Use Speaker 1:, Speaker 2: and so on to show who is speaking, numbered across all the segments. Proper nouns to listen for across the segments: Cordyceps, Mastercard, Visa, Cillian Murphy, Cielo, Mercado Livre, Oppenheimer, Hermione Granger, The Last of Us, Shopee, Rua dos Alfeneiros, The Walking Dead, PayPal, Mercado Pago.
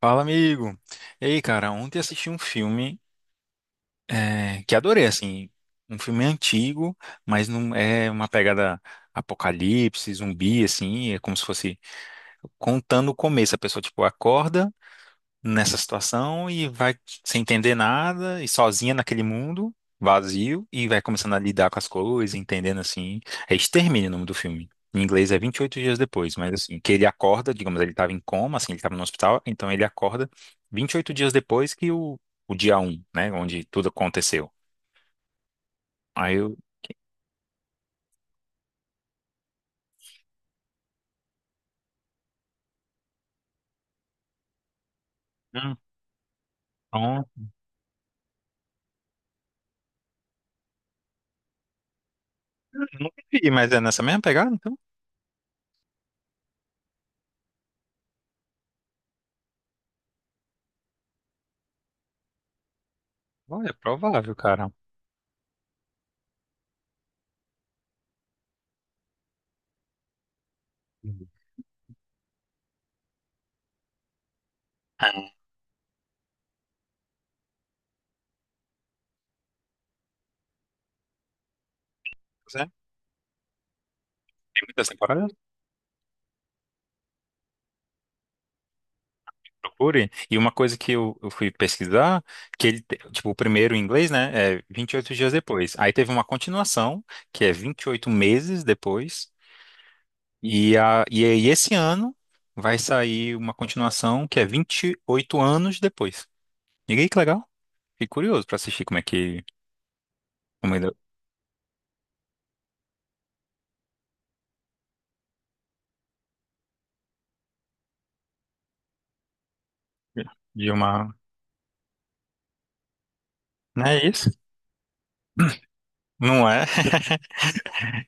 Speaker 1: Fala, amigo. Ei, cara, ontem assisti um filme que adorei, assim, um filme antigo, mas não é uma pegada apocalipse, zumbi, assim, é como se fosse contando o começo. A pessoa, tipo, acorda nessa situação e vai sem entender nada e sozinha naquele mundo vazio e vai começando a lidar com as coisas, entendendo assim. É Extermínio o nome do filme. Em inglês é 28 dias depois, mas assim, que ele acorda, digamos, ele estava em coma, assim, ele estava no hospital, então ele acorda 28 dias depois que o dia um né, onde tudo aconteceu. Aí eu, hum, Bom, eu nunca vi, mas é nessa mesma pegada, então, olha, é provável, cara. Hum. É, tem muitas temporadas? Procure. E uma coisa que eu fui pesquisar, tipo, o primeiro em inglês, né, é vinte e oito dias depois. Aí teve uma continuação, que é 28 meses depois. E aí esse ano vai sair uma continuação que é 28 anos depois. E aí, que legal. Fiquei curioso pra assistir como é que. Como é de uma. Não é isso? Não é?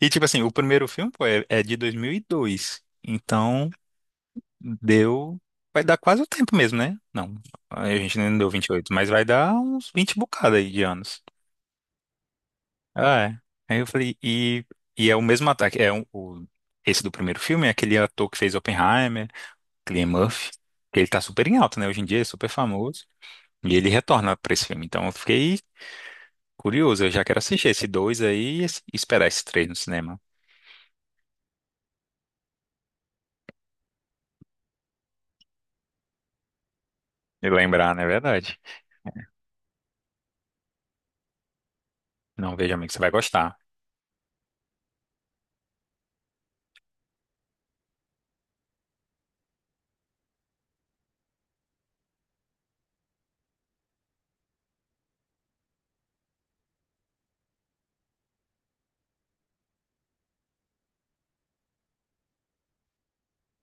Speaker 1: E tipo assim, o primeiro filme, pô, é de 2002. Então. Deu. Vai dar quase o tempo mesmo, né? Não, a gente ainda não deu 28 mas vai dar uns 20 bocada aí de anos. Ah, é. Aí eu falei, e é o mesmo ataque. Esse do primeiro filme, é aquele ator que fez Oppenheimer, Cillian Murphy, que ele tá super em alta, né? Hoje em dia, é super famoso. E ele retorna pra esse filme. Então eu fiquei curioso, eu já quero assistir esse dois aí e esperar esse três no cinema. E lembrar, né? É verdade. Não, veja, amigo, você vai gostar.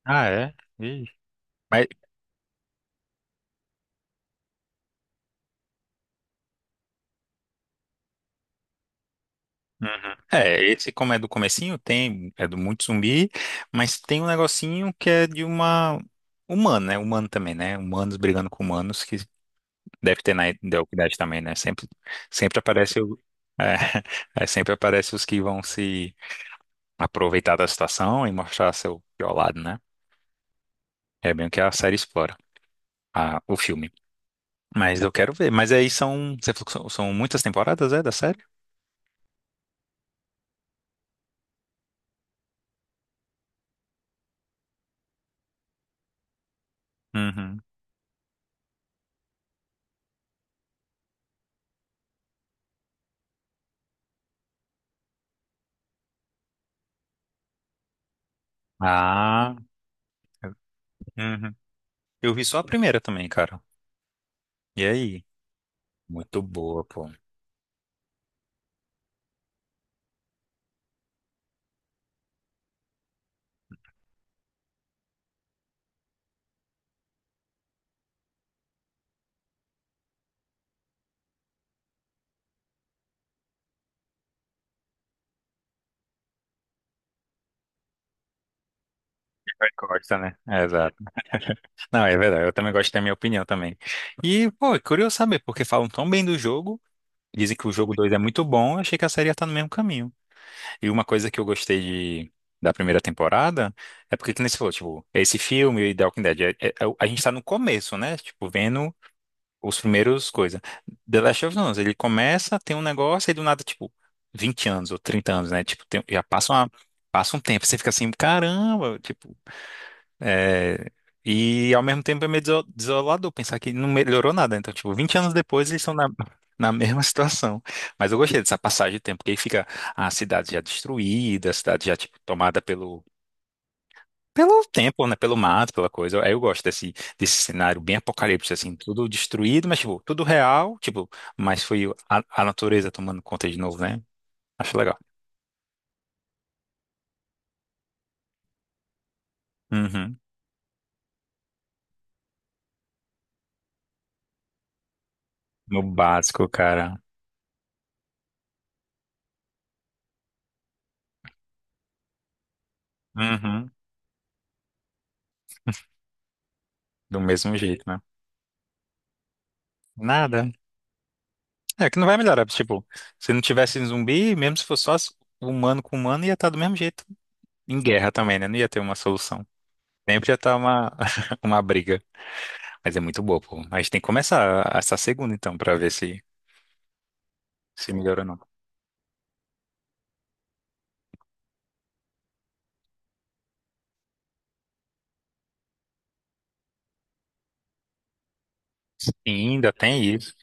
Speaker 1: Ah, é? Ih. Mas Uhum. É, esse como é do comecinho, tem, é do muito zumbi, mas tem um negocinho que é de uma humana, né? Humano também, né? Humanos brigando com humanos, que deve ter na Idade também, né? Sempre aparece o. É, é, sempre aparece os que vão se aproveitar da situação e mostrar seu pior lado, né? É bem o que a série explora, o filme. Mas eu quero ver. Mas aí são, você falou que são muitas temporadas, é, da série? Uhum. Ah, uhum. Eu vi só a primeira também, cara. E aí? Muito boa, pô. Vai Costa, né? É, exato. Não, é verdade. Eu também gosto da minha opinião também. E, pô, é curioso saber, porque falam tão bem do jogo, dizem que o jogo 2 é muito bom, eu achei que a série ia estar no mesmo caminho. E uma coisa que eu gostei de, da primeira temporada é porque, que nem você falou, tipo, esse filme e The Walking Dead, a gente tá no começo, né? Tipo, vendo os primeiros coisas. The Last of Us, ele começa, tem um negócio, e do nada, tipo, 20 anos ou 30 anos, né? Tipo, Passa um tempo, você fica assim, caramba, tipo, é, e ao mesmo tempo é meio desolador pensar que não melhorou nada. Então, tipo, 20 anos depois eles estão na mesma situação. Mas eu gostei dessa passagem de tempo, porque aí fica a cidade já destruída, a cidade já, tipo, tomada pelo tempo, né? Pelo mato, pela coisa. Aí eu gosto desse cenário bem apocalipse, assim, tudo destruído, mas, tipo, tudo real, tipo, mas foi a natureza tomando conta de novo, né? Acho legal. Uhum. No básico, cara. Uhum. Do mesmo jeito, né? Nada. É que não vai melhorar. Tipo, se não tivesse zumbi, mesmo se fosse só humano com humano, ia estar do mesmo jeito. Em guerra também, né? Não ia ter uma solução. Sempre ia estar uma, uma briga. Mas é muito boa, pô. A gente tem que começar essa segunda, então, pra ver se melhora ou não. E ainda tem isso.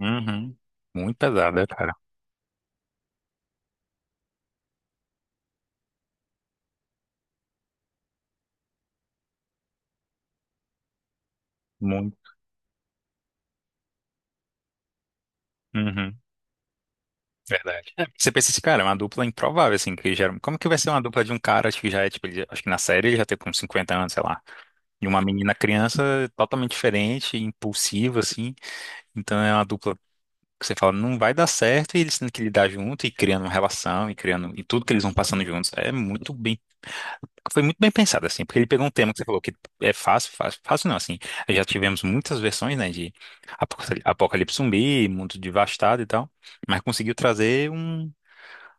Speaker 1: Uhum. Muito pesada, cara. Muito. Uhum. Verdade. É, você pensa assim, cara, é uma dupla improvável, assim, que gera. Como que vai ser uma dupla de um cara, acho que já é, tipo, acho que na série ele já tem uns 50 anos, sei lá. E uma menina criança totalmente diferente, impulsiva, assim. Então é uma dupla que você fala, não vai dar certo, e eles tendo que lidar junto e criando uma relação e criando e tudo que eles vão passando juntos. Foi muito bem pensado assim, porque ele pegou um tema que você falou que é fácil, fácil, fácil não, assim. Já tivemos muitas versões, né, de apo- apocalipse zumbi, mundo devastado e tal, mas conseguiu trazer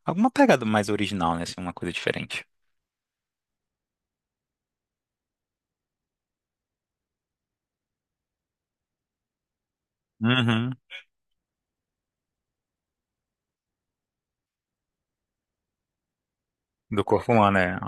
Speaker 1: alguma pegada mais original, né, assim, uma coisa diferente. Uhum. Do corpo humano, né?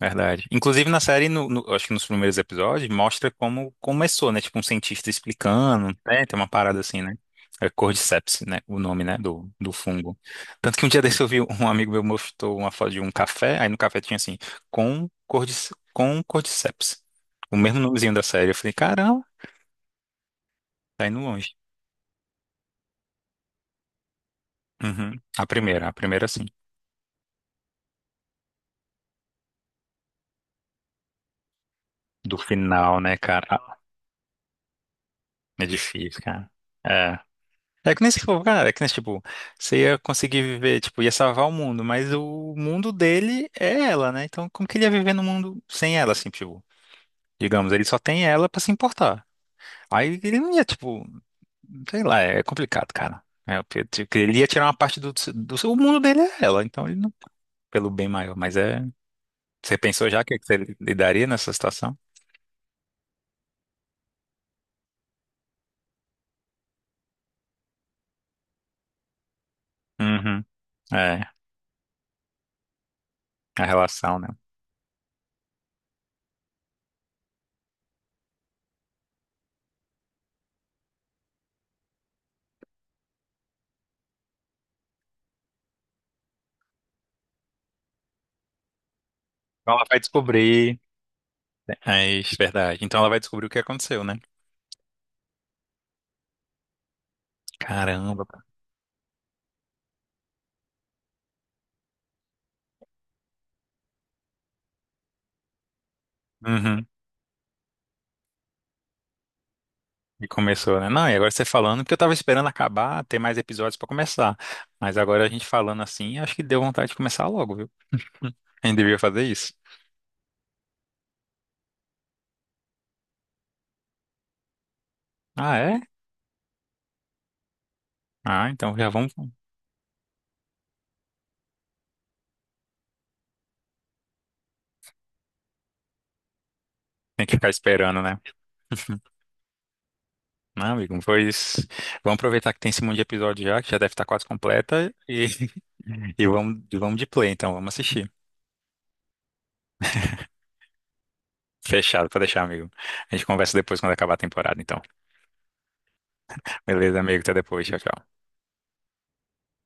Speaker 1: Verdade. Inclusive na série, acho que nos primeiros episódios, mostra como começou, né? Tipo, um cientista explicando, né? Tem uma parada assim, né? É Cordyceps, né? O nome, né? Do fungo. Tanto que um dia desse eu vi um amigo meu mostrou uma foto de um café, aí no café tinha assim, com Cordyceps. O mesmo nomezinho da série. Eu falei, caramba, tá indo longe. Uhum. A primeira sim. Do final, né, cara? Ah, é difícil, cara. É. É que nem se for, cara, é que nem, tipo, você ia conseguir viver, tipo, ia salvar o mundo, mas o mundo dele é ela, né? Então, como que ele ia viver no mundo sem ela, assim, tipo, digamos, ele só tem ela pra se importar. Aí ele não ia, tipo, sei lá, é complicado, cara. É, porque, tipo, ele ia tirar uma parte do seu, o mundo dele é ela, então ele não, pelo bem maior, mas é, você pensou já o que que você lidaria nessa situação? Uhum, é, a relação, né? Então ela vai descobrir, é isso, verdade, então ela vai descobrir o que aconteceu, né? Caramba, pá. E começou, né? Não, e agora você falando, porque eu tava esperando acabar, ter mais episódios pra começar. Mas agora a gente falando assim, acho que deu vontade de começar logo, viu? A gente devia fazer isso. Ah, é? Ah, então já vamos. Tem que ficar esperando, né? Não, amigo, pois vamos aproveitar que tem esse monte de episódio já, que já deve estar quase completa, e, e vamos de play, então, vamos assistir. Fechado, pode deixar, amigo. A gente conversa depois quando acabar a temporada, então. Beleza, amigo, até depois, tchau, tchau.